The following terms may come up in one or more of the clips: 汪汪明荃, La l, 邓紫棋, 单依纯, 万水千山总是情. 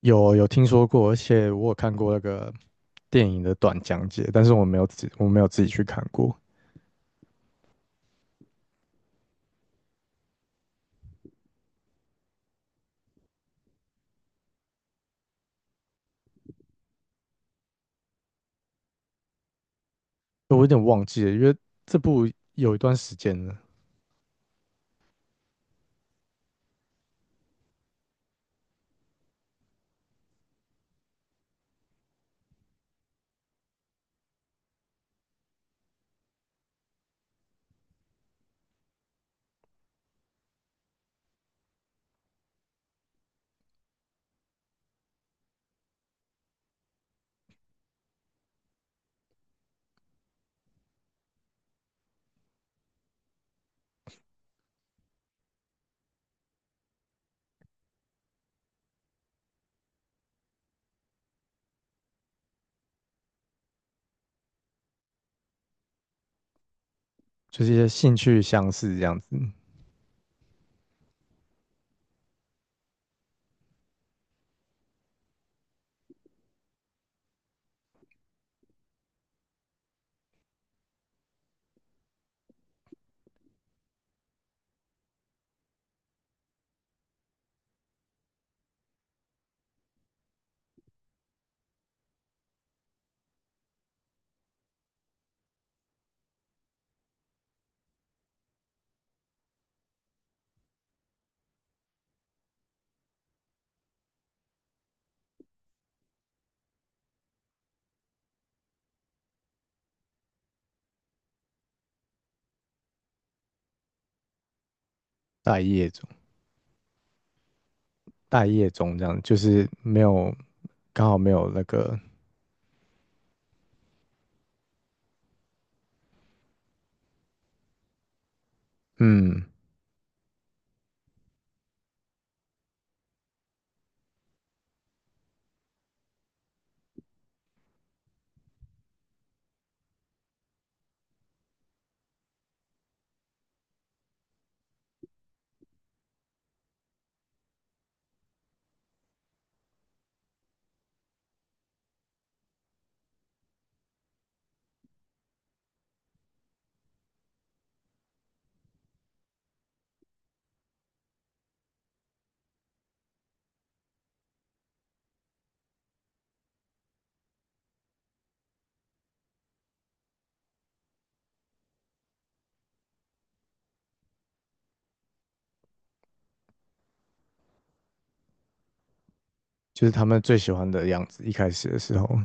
有听说过，而且我有看过那个电影的短讲解，但是我没有自己去看过，我有点忘记了，因为这部有一段时间了，就是一些兴趣相似这样子，待业中，待业中这样，就是没有刚好没有那个，嗯，就是他们最喜欢的样子，一开始的时候，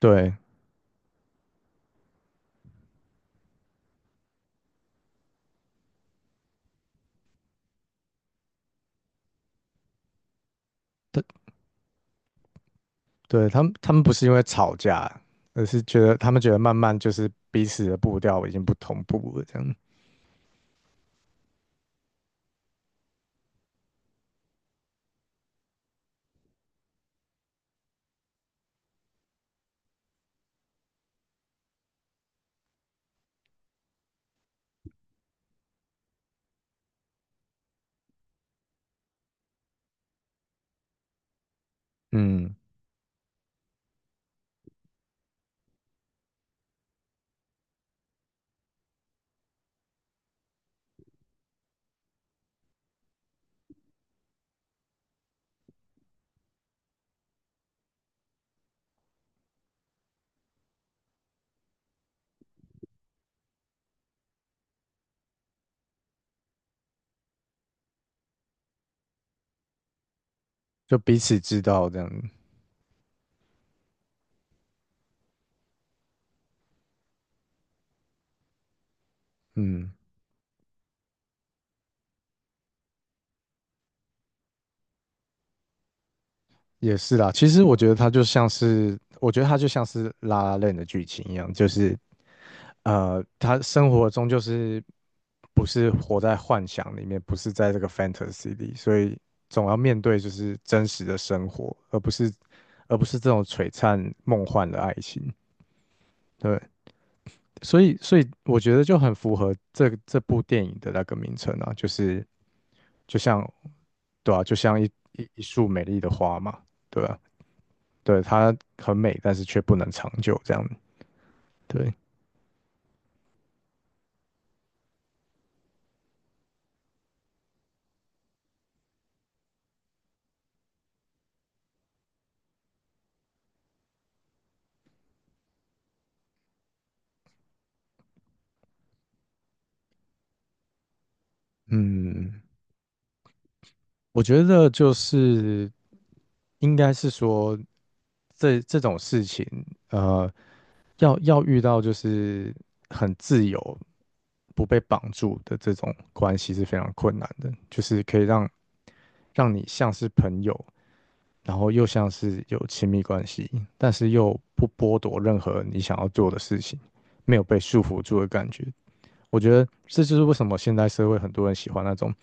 对，他他们不是因为吵架，而是他们觉得慢慢就是彼此的步调已经不同步了这样，嗯。就彼此知道这样。嗯，也是啦。其实我觉得它就像是《La l 的剧情一样，就是他生活中就是不是活在幻想里面，不是在这个 fantasy 里，所以总要面对就是真实的生活，而不是这种璀璨梦幻的爱情。对，所以我觉得就很符合这部电影的那个名称啊，就是就像，对啊，就像一束美丽的花嘛，对啊，对，它很美，但是却不能长久，这样，对，嗯。我觉得就是应该是说这种事情，呃，要遇到就是很自由、不被绑住的这种关系是非常困难的，就是可以让你像是朋友，然后又像是有亲密关系，但是又不剥夺任何你想要做的事情，没有被束缚住的感觉。我觉得这就是为什么现代社会很多人喜欢那种，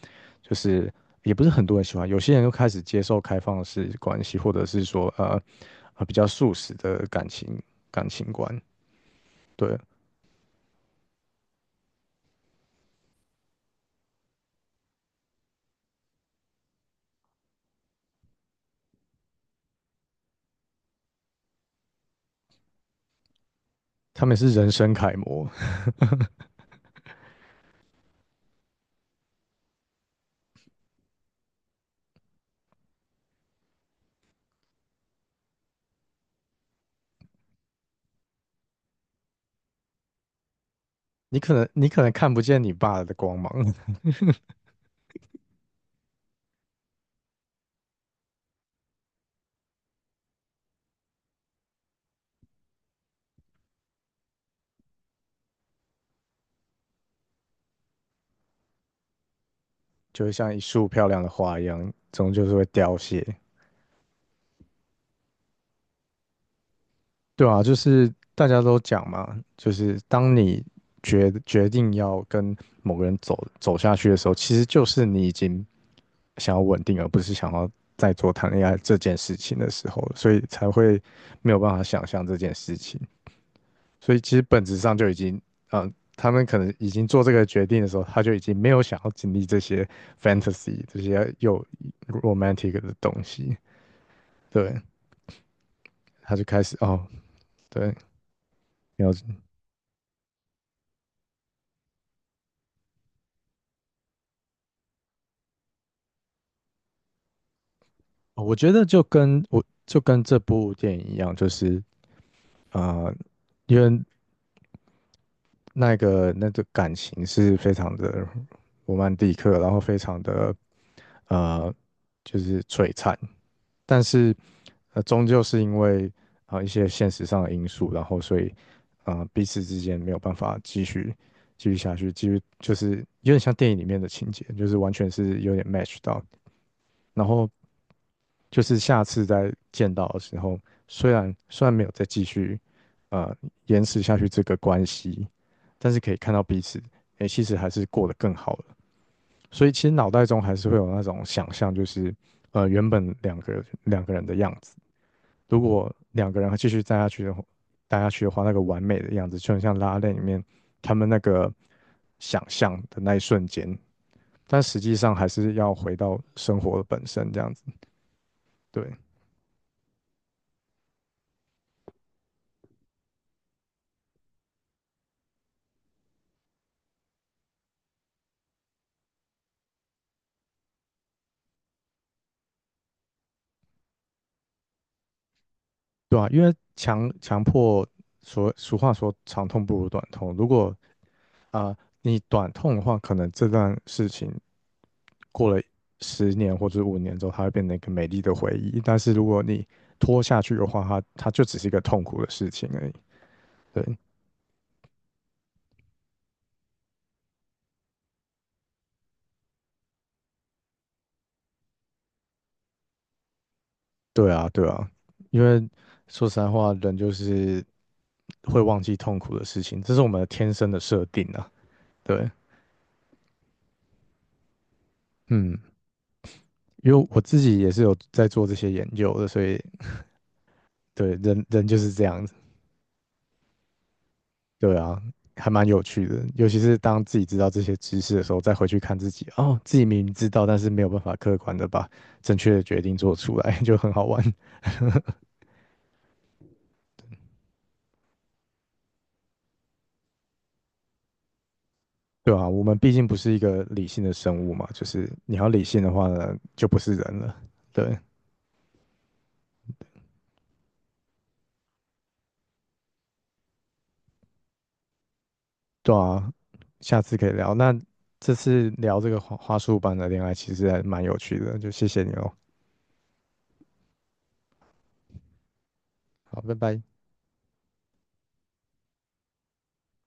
就是也不是很多人喜欢，有些人就开始接受开放式关系，或者是说比较素食的感情观，对，他们是人生楷模。你可能看不见你爸的光芒，就会像一束漂亮的花一样，终究是会凋谢。对啊，就是大家都讲嘛，就是当你决定要跟某个人走下去的时候，其实就是你已经想要稳定，而不是想要再做谈恋爱这件事情的时候所以才会没有办法想象这件事情。所以其实本质上就已经，他们可能已经做这个决定的时候，他就已经没有想要经历这些 fantasy 这些又 romantic 的东西，对，他就开始哦，对。我觉得就跟这部电影一样，就是因为那个感情是非常的罗曼蒂克，然后非常的呃就是璀璨，但是终究是因为一些现实上的因素，然后所以彼此之间没有办法继续下去，就是有点像电影里面的情节，就是完全是有点 match 到，然后就是下次再见到的时候，虽然没有再呃延迟下去这个关系，但是可以看到彼此，诶，其实还是过得更好了。所以其实脑袋中还是会有那种想象，就是原本两个人的样子，如果两个人还继续待下去的话，那个完美的样子就很像拉拉链里面他们那个想象的那一瞬间，但实际上还是要回到生活的本身这样子，对。对啊，因为强强迫所俗话说长痛不如短痛。如果你短痛的话，可能这段事情过了10年或者5年之后，它会变成一个美丽的回忆。但是如果你拖下去的话，它就只是一个痛苦的事情而已。对，对啊，对啊，因为说实在话，人就是会忘记痛苦的事情，这是我们天生的设定啊。对，嗯，因为我自己也是有在做这些研究的，所以对人就是这样子。对啊，还蛮有趣的，尤其是当自己知道这些知识的时候，再回去看自己，哦，自己明明知道，但是没有办法客观的把正确的决定做出来，就很好玩，对啊，我们毕竟不是一个理性的生物嘛，就是你要理性的话呢，就不是人了，对，对啊，下次可以聊。那这次聊这个花束般的恋爱，其实还蛮有趣的，就谢谢你哦，好，拜拜。